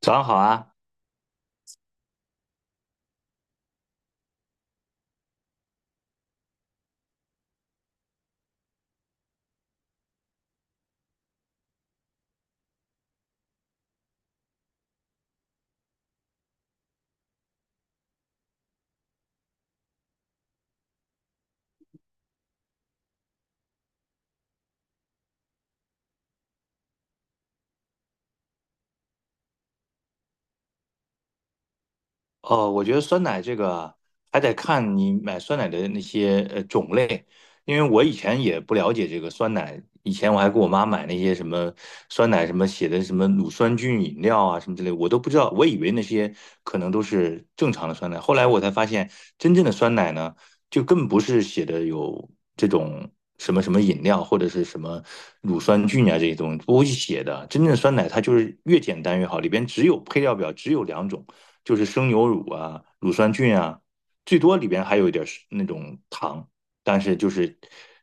早上好啊。哦，我觉得酸奶这个还得看你买酸奶的那些种类，因为我以前也不了解这个酸奶，以前我还给我妈买那些什么酸奶什么写的什么乳酸菌饮料啊什么之类，我都不知道，我以为那些可能都是正常的酸奶，后来我才发现真正的酸奶呢，就更不是写的有这种什么什么饮料或者是什么乳酸菌啊这些东西不会去写的，真正的酸奶它就是越简单越好，里边只有配料表只有两种。就是生牛乳啊、乳酸菌啊，最多里边还有一点儿是那种糖，但是就是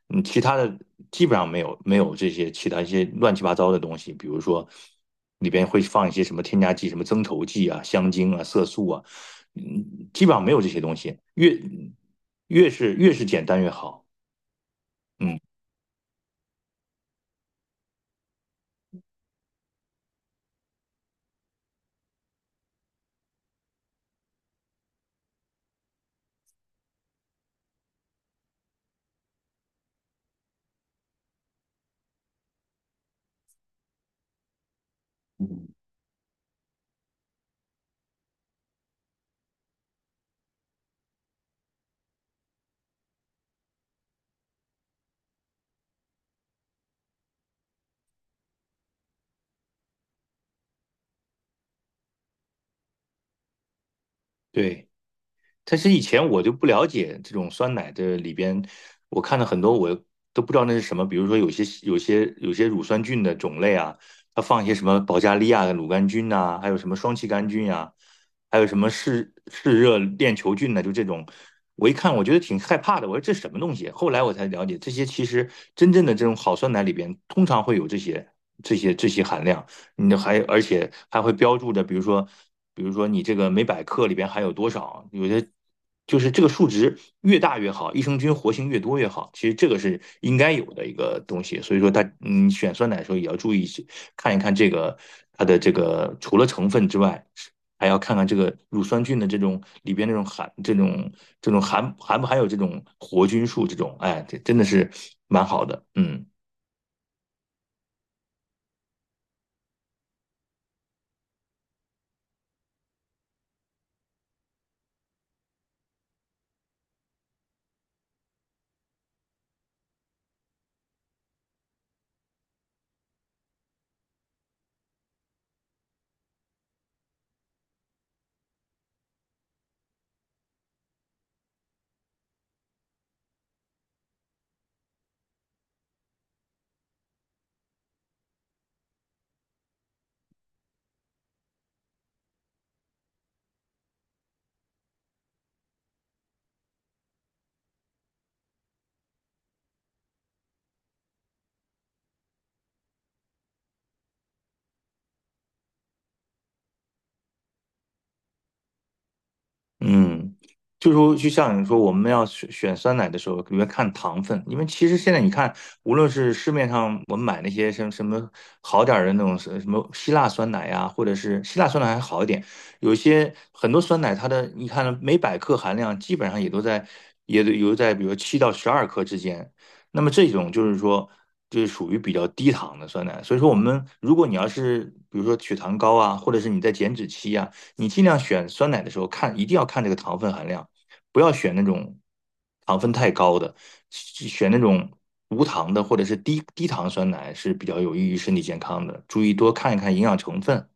其他的基本上没有这些其他一些乱七八糟的东西，比如说里边会放一些什么添加剂、什么增稠剂啊、香精啊、色素啊。基本上没有这些东西，越是简单越好。嗯，对。但是以前我就不了解这种酸奶的里边，我看了很多我都不知道那是什么，比如说有些乳酸菌的种类啊，它放一些什么保加利亚的乳杆菌呐、还有什么双歧杆菌呀、还有什么嗜热链球菌呢、就这种。我一看，我觉得挺害怕的。我说这什么东西？后来我才了解，这些其实真正的这种好酸奶里边，通常会有这些含量。而且还会标注着，比如说你这个每百克里边含有多少，有些就是这个数值越大越好，益生菌活性越多越好。其实这个是应该有的一个东西，所以说它选酸奶的时候也要注意看一看这个它的这个除了成分之外。还要看看这个乳酸菌的这种里边那种含这种这种含含不含有这种活菌素这种，哎，这真的是蛮好的。嗯。嗯，就是说，就像你说，我们要选酸奶的时候，里面看糖分。因为其实现在你看，无论是市面上我们买那些什么什么好点儿的那种什么希腊酸奶呀、或者是希腊酸奶还好一点，有些很多酸奶它的你看每百克含量基本上也都有在比如7到12克之间，那么这种就是说，就是属于比较低糖的酸奶。所以说，我们如果你要是比如说血糖高啊，或者是你在减脂期呀、你尽量选酸奶的时候看，一定要看这个糖分含量，不要选那种糖分太高的，选那种无糖的或者是低糖酸奶是比较有益于身体健康的。注意多看一看营养成分，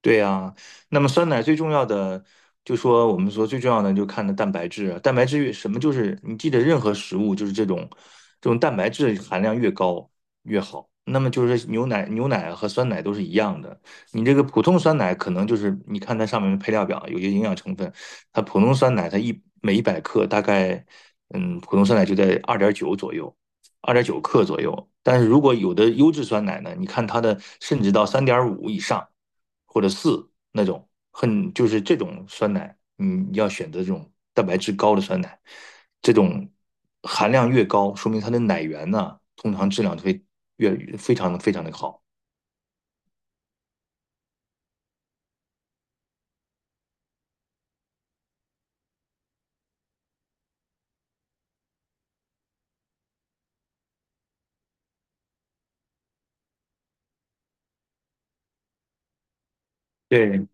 对呀，那么酸奶最重要的，就说我们说最重要的，就看的蛋白质啊蛋白质越什么，就是你记得任何食物，就是这种蛋白质含量越高越好。那么就是牛奶和酸奶都是一样的。你这个普通酸奶可能就是你看它上面的配料表有些营养成分，它普通酸奶它每100克大概，普通酸奶就在二点九左右。2.9克左右。但是如果有的优质酸奶呢，你看它的甚至到3.5以上或者四那种，就是这种酸奶，你要选择这种蛋白质高的酸奶，这种含量越高，说明它的奶源呢，通常质量会非常非常的好。对，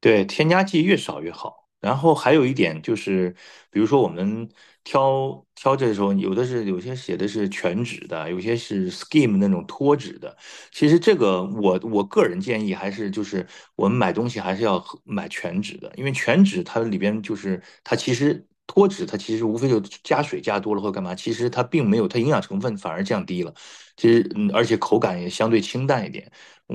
对，添加剂越少越好。然后还有一点就是，比如说我们挑这时候，有些写的是全脂的，有些是 skim 那种脱脂的。其实这个我个人建议还是就是我们买东西还是要买全脂的。因为全脂它里边就是它其实脱脂它其实无非就加水加多了或干嘛，其实它并没有它营养成分反而降低了，其实而且口感也相对清淡一点。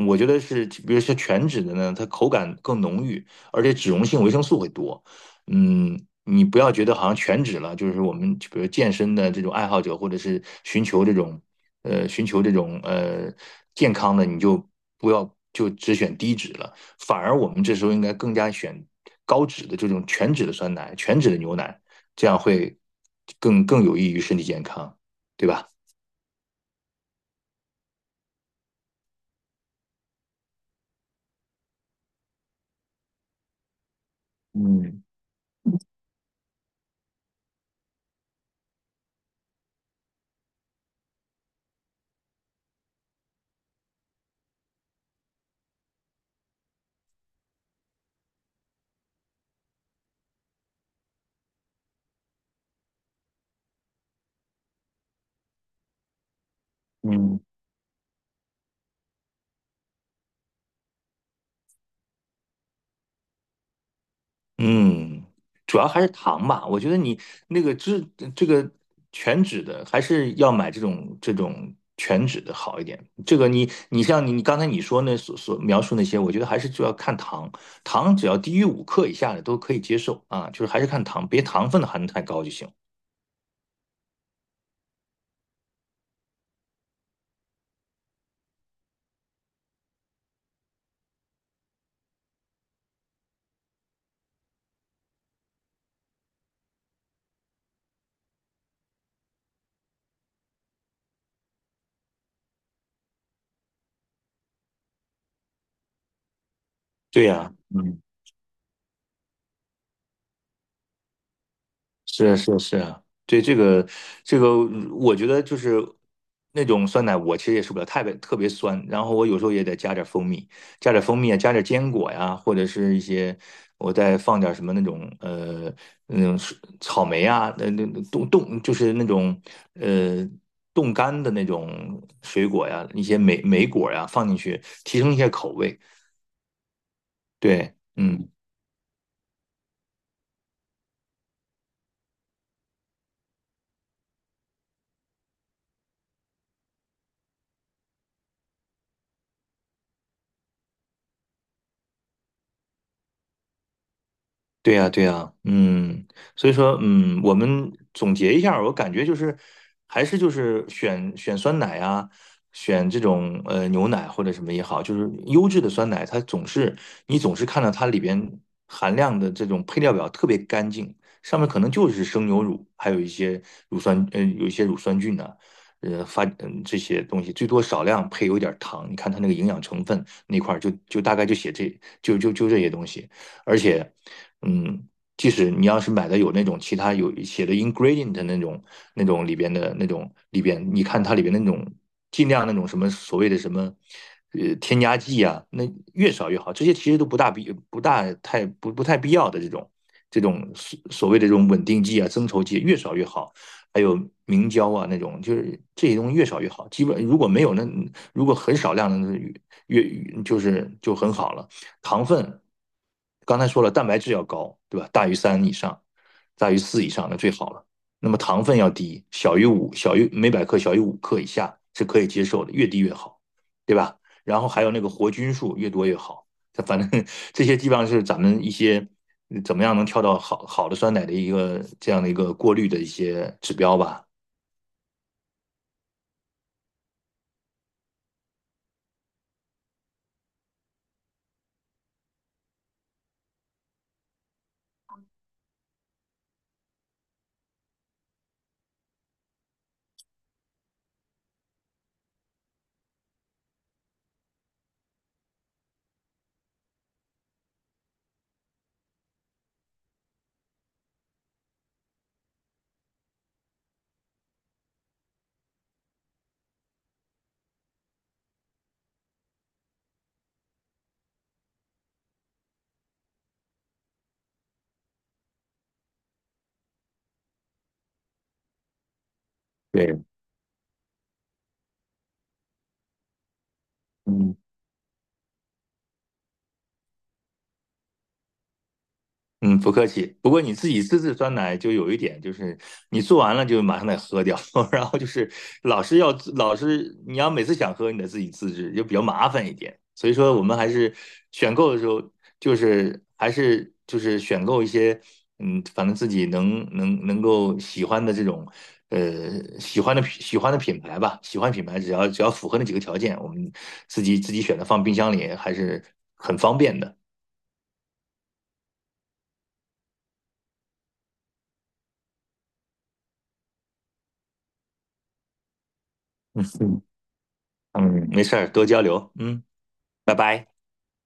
我觉得是，比如说全脂的呢，它口感更浓郁，而且脂溶性维生素会多。嗯，你不要觉得好像全脂了，就是我们比如健身的这种爱好者，或者是寻求这种健康的，你就不要就只选低脂了，反而我们这时候应该更加选高脂的这种全脂的酸奶、全脂的牛奶，这样会更有益于身体健康，对吧？嗯嗯。嗯，主要还是糖吧。我觉得你那个脂这个全脂的，还是要买这种全脂的好一点。这个你像你刚才你说那描述那些，我觉得还是就要看糖。糖只要低于五克以下的都可以接受啊，就是还是看糖，别糖分的含得太高就行。对呀，嗯是啊是啊是啊，对这个，我觉得就是那种酸奶，我其实也受不了，太别特别酸。然后我有时候也得加点蜂蜜，啊，加点坚果呀，或者是一些我再放点什么那种草莓啊，那那那冻冻就是那种呃冻干的那种水果呀，一些莓果呀放进去，提升一下口味。对。嗯。对呀，对呀。嗯，所以说，我们总结一下儿我感觉就是，还是就是选酸奶啊，选这种牛奶或者什么也好，就是优质的酸奶，它总是你总是看到它里边含量的这种配料表特别干净，上面可能就是生牛乳，还有一些乳酸菌啊，这些东西，最多少量配有一点儿糖，你看它那个营养成分那块儿大概就写这就就就这些东西。而且，嗯，即使你要是买的有那种其他有写的 ingredient 的那种里边，你看它里边那种尽量那种什么所谓的什么。添加剂啊，那越少越好。这些其实都不大必不大太不不太必要的这种所谓的这种稳定剂啊、增稠剂越少越好。还有明胶啊那种，就是这些东西越少越好。基本如果没有那如果很少量的越越就是就很好了。糖分，刚才说了，蛋白质要高，对吧？大于三以上，大于四以上那最好了。那么糖分要低，小于每百克小于五克以下是可以接受的，越低越好，对吧？然后还有那个活菌数越多越好。反正 这些基本上是咱们一些怎么样能挑到好好的酸奶的一个这样的一个过滤的一些指标吧。对。嗯。嗯，不客气。不过你自己自制酸奶就有一点，就是你做完了就马上得喝掉。然后就是老是你要每次想喝，你得自己自制，就比较麻烦一点。所以说我们还是选购的时候，就是还是就是选购一些反正自己能够喜欢的这种喜欢的品牌吧，喜欢品牌只要符合那几个条件，我们自己选择放冰箱里还是很方便的。嗯。没事儿，多交流。嗯，拜拜。